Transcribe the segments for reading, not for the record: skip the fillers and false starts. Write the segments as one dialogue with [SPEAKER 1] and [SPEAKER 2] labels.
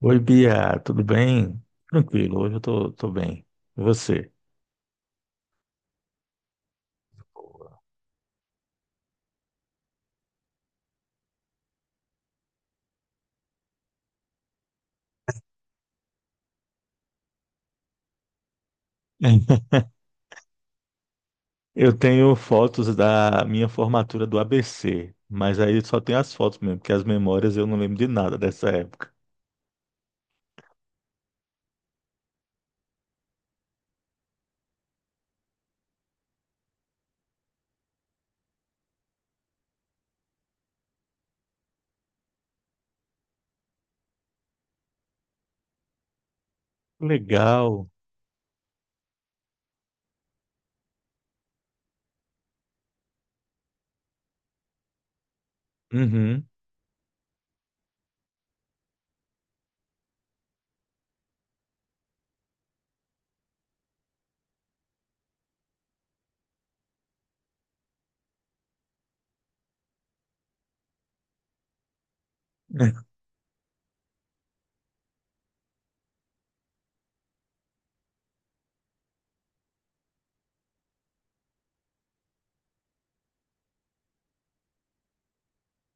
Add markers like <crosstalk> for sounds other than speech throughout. [SPEAKER 1] Oi, Bia, tudo bem? Tranquilo, hoje eu tô bem. E você? Boa. <laughs> Eu tenho fotos da minha formatura do ABC, mas aí só tem as fotos mesmo, porque as memórias eu não lembro de nada dessa época. Legal. Uhum. <laughs>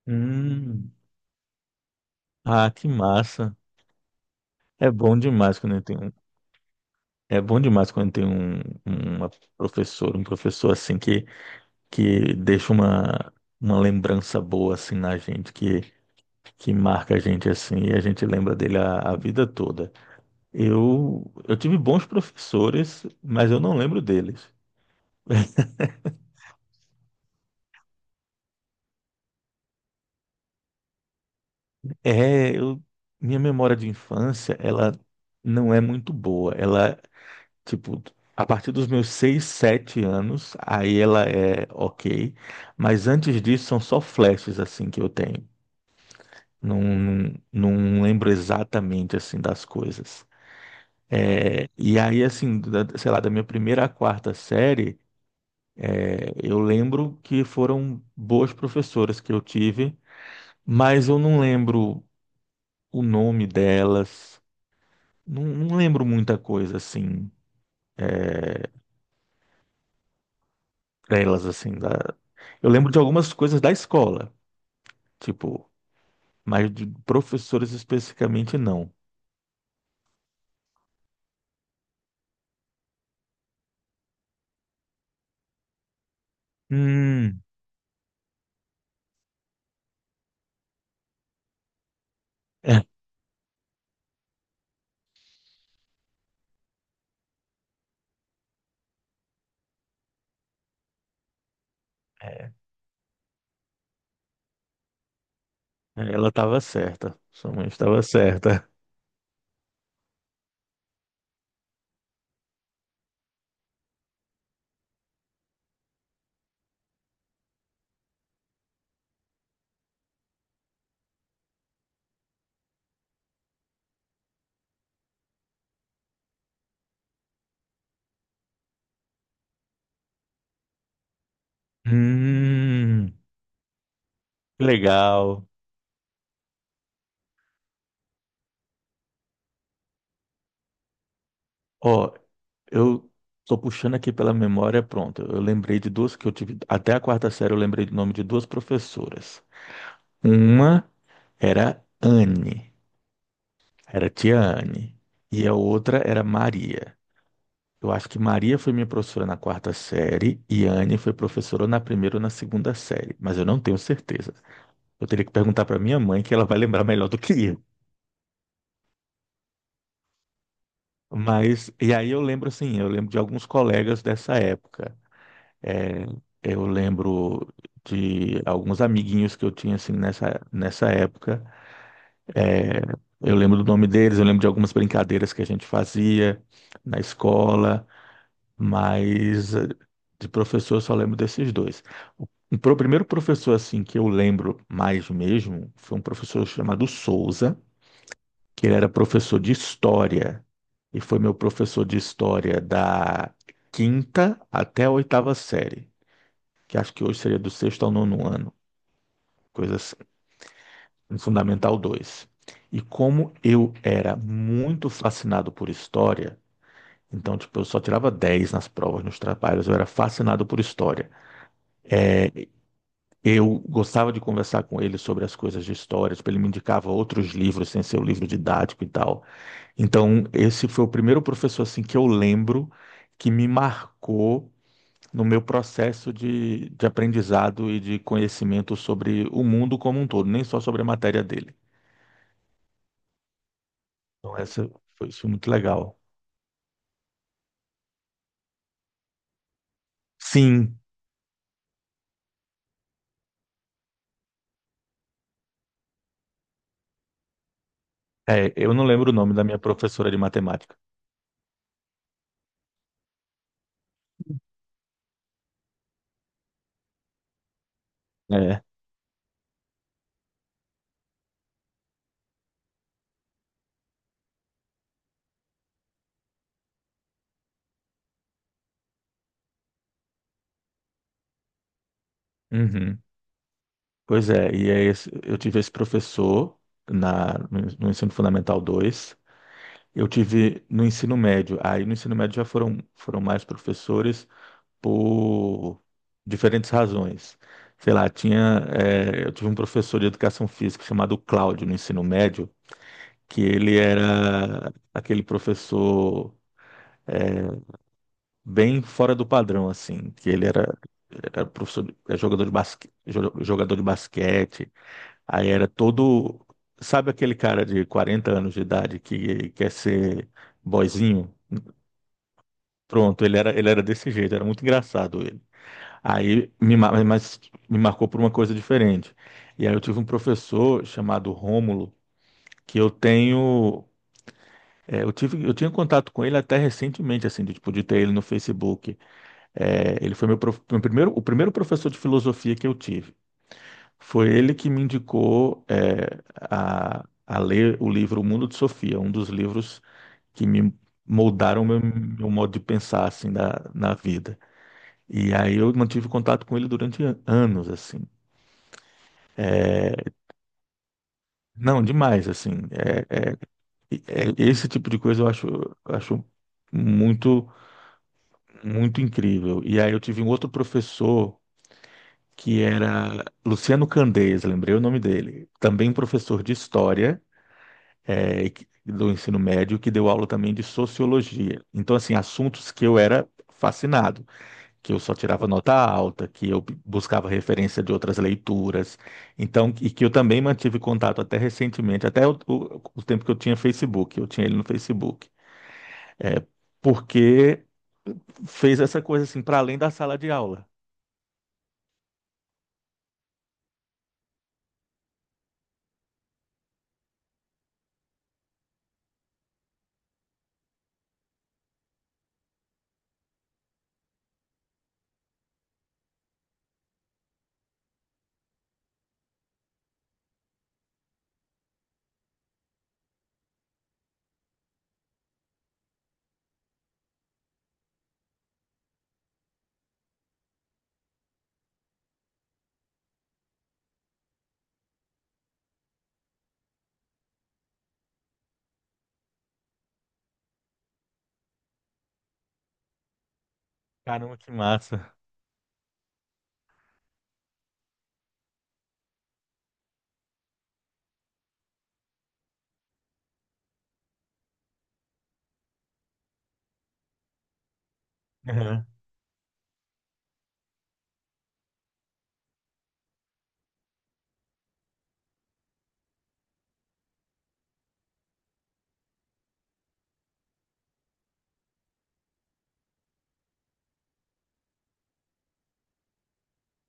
[SPEAKER 1] Hum. Ah, que massa. É bom demais quando tem um, é bom demais quando tem um, uma professora, um professor assim que deixa uma lembrança boa assim na gente, que marca a gente assim e a gente lembra dele a vida toda. Eu tive bons professores, mas eu não lembro deles. <laughs> É, eu, minha memória de infância, ela não é muito boa. Ela, tipo, a partir dos meus 6 7 anos, aí ela é ok, mas antes disso são só flashes assim que eu tenho. Não lembro exatamente assim das coisas. É, e aí, assim, sei lá, da minha primeira à quarta série. Eu lembro que foram boas professoras que eu tive, mas eu não lembro o nome delas, não lembro muita coisa assim, é, delas assim, da... Eu lembro de algumas coisas da escola, tipo, mas de professores especificamente não. Hum, é, é, ela estava certa, sua mãe estava certa. Hum, legal. Ó, eu tô puxando aqui pela memória, pronto. Eu lembrei de duas que eu tive. Até a quarta série eu lembrei do nome de duas professoras. Uma era Anne, era tia Anne. E a outra era Maria. Eu acho que Maria foi minha professora na quarta série e Anne foi professora na primeira ou na segunda série, mas eu não tenho certeza. Eu teria que perguntar para minha mãe, que ela vai lembrar melhor do que eu. Mas, e aí eu lembro assim, eu lembro de alguns colegas dessa época. É, eu lembro de alguns amiguinhos que eu tinha assim nessa época. É, eu lembro do nome deles, eu lembro de algumas brincadeiras que a gente fazia na escola, mas de professor eu só lembro desses dois. O primeiro professor assim que eu lembro mais mesmo foi um professor chamado Souza, que ele era professor de história e foi meu professor de história da quinta até a oitava série, que acho que hoje seria do sexto ao nono ano, coisa assim, no Fundamental dois. E como eu era muito fascinado por história, então, tipo, eu só tirava 10 nas provas, nos trabalhos, eu era fascinado por história. Eu gostava de conversar com ele sobre as coisas de história, tipo, ele me indicava outros livros, sem ser o livro didático e tal. Então, esse foi o primeiro professor, assim, que eu lembro que me marcou no meu processo de aprendizado e de conhecimento sobre o mundo como um todo, nem só sobre a matéria dele. Então, isso foi muito legal. Sim, é, eu não lembro o nome da minha professora de matemática. É. Uhum. Pois é, e é eu tive esse professor na, no no Ensino Fundamental 2. Eu tive no ensino médio. Aí no ensino médio já foram mais professores por diferentes razões. Sei lá, tinha, eu tive um professor de educação física chamado Cláudio no ensino médio, que ele era aquele professor bem fora do padrão, assim, que era professor, era jogador de basque, jogador de basquete, aí era todo, sabe aquele cara de 40 anos de idade que quer ser boyzinho? Pronto, ele era desse jeito, era muito engraçado ele. Mas me marcou por uma coisa diferente. E aí eu tive um professor chamado Rômulo, que eu tenho. É, eu tinha contato com ele até recentemente, assim, de, tipo, de ter ele no Facebook. É, ele foi meu, prof- meu primeiro, o primeiro professor de filosofia que eu tive. Foi ele que me indicou, é, a ler o livro O Mundo de Sofia, um dos livros que me moldaram meu modo de pensar, assim, na vida. E aí eu mantive contato com ele durante anos, assim. Não, demais, assim. Esse tipo de coisa eu acho muito, muito incrível. E aí eu tive um outro professor que era Luciano Candeias, lembrei o nome dele. Também professor de história, é, do ensino médio, que deu aula também de sociologia. Então, assim, assuntos que eu era fascinado, que eu só tirava nota alta, que eu buscava referência de outras leituras, então, e que eu também mantive contato até recentemente, até o tempo que eu tinha Facebook, eu tinha ele no Facebook, é, porque fez essa coisa assim para além da sala de aula. Caramba, que massa! Uhum. <laughs>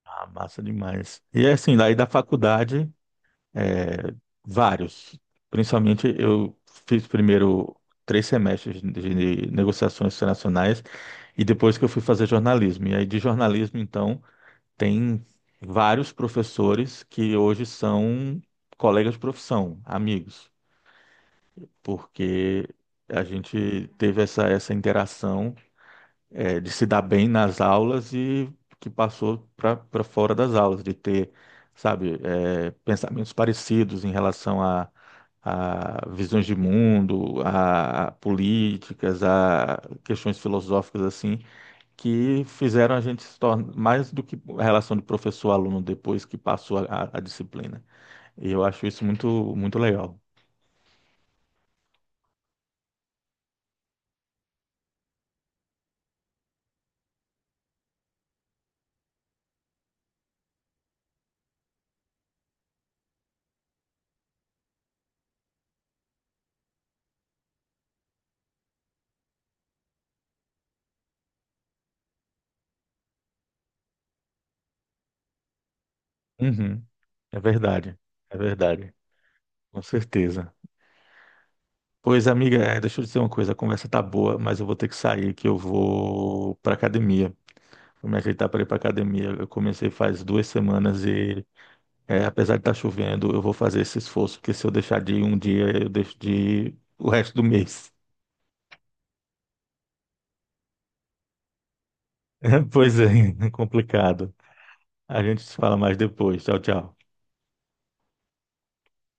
[SPEAKER 1] Ah, massa demais. E assim, daí da faculdade. É, vários. Principalmente eu fiz primeiro 3 semestres de negociações internacionais e depois que eu fui fazer jornalismo. E aí de jornalismo, então, tem vários professores que hoje são colegas de profissão, amigos, porque a gente teve essa interação, é, de se dar bem nas aulas e que passou para fora das aulas, de ter, sabe, é, pensamentos parecidos em relação a visões de mundo, a políticas, a questões filosóficas assim, que fizeram a gente se tornar mais do que a relação de professor-aluno depois que passou a disciplina. E eu acho isso muito, muito legal. Uhum, é verdade, é verdade, com certeza. Pois, amiga, é, deixa eu dizer uma coisa, a conversa tá boa, mas eu vou ter que sair, que eu vou pra academia. Vou me ajeitar para ir pra academia. Eu comecei faz 2 semanas e, é, apesar de estar chovendo, eu vou fazer esse esforço, porque se eu deixar de ir um dia, eu deixo de ir o resto do mês. <laughs> Pois é, <laughs> complicado. A gente se fala mais depois. Tchau, tchau.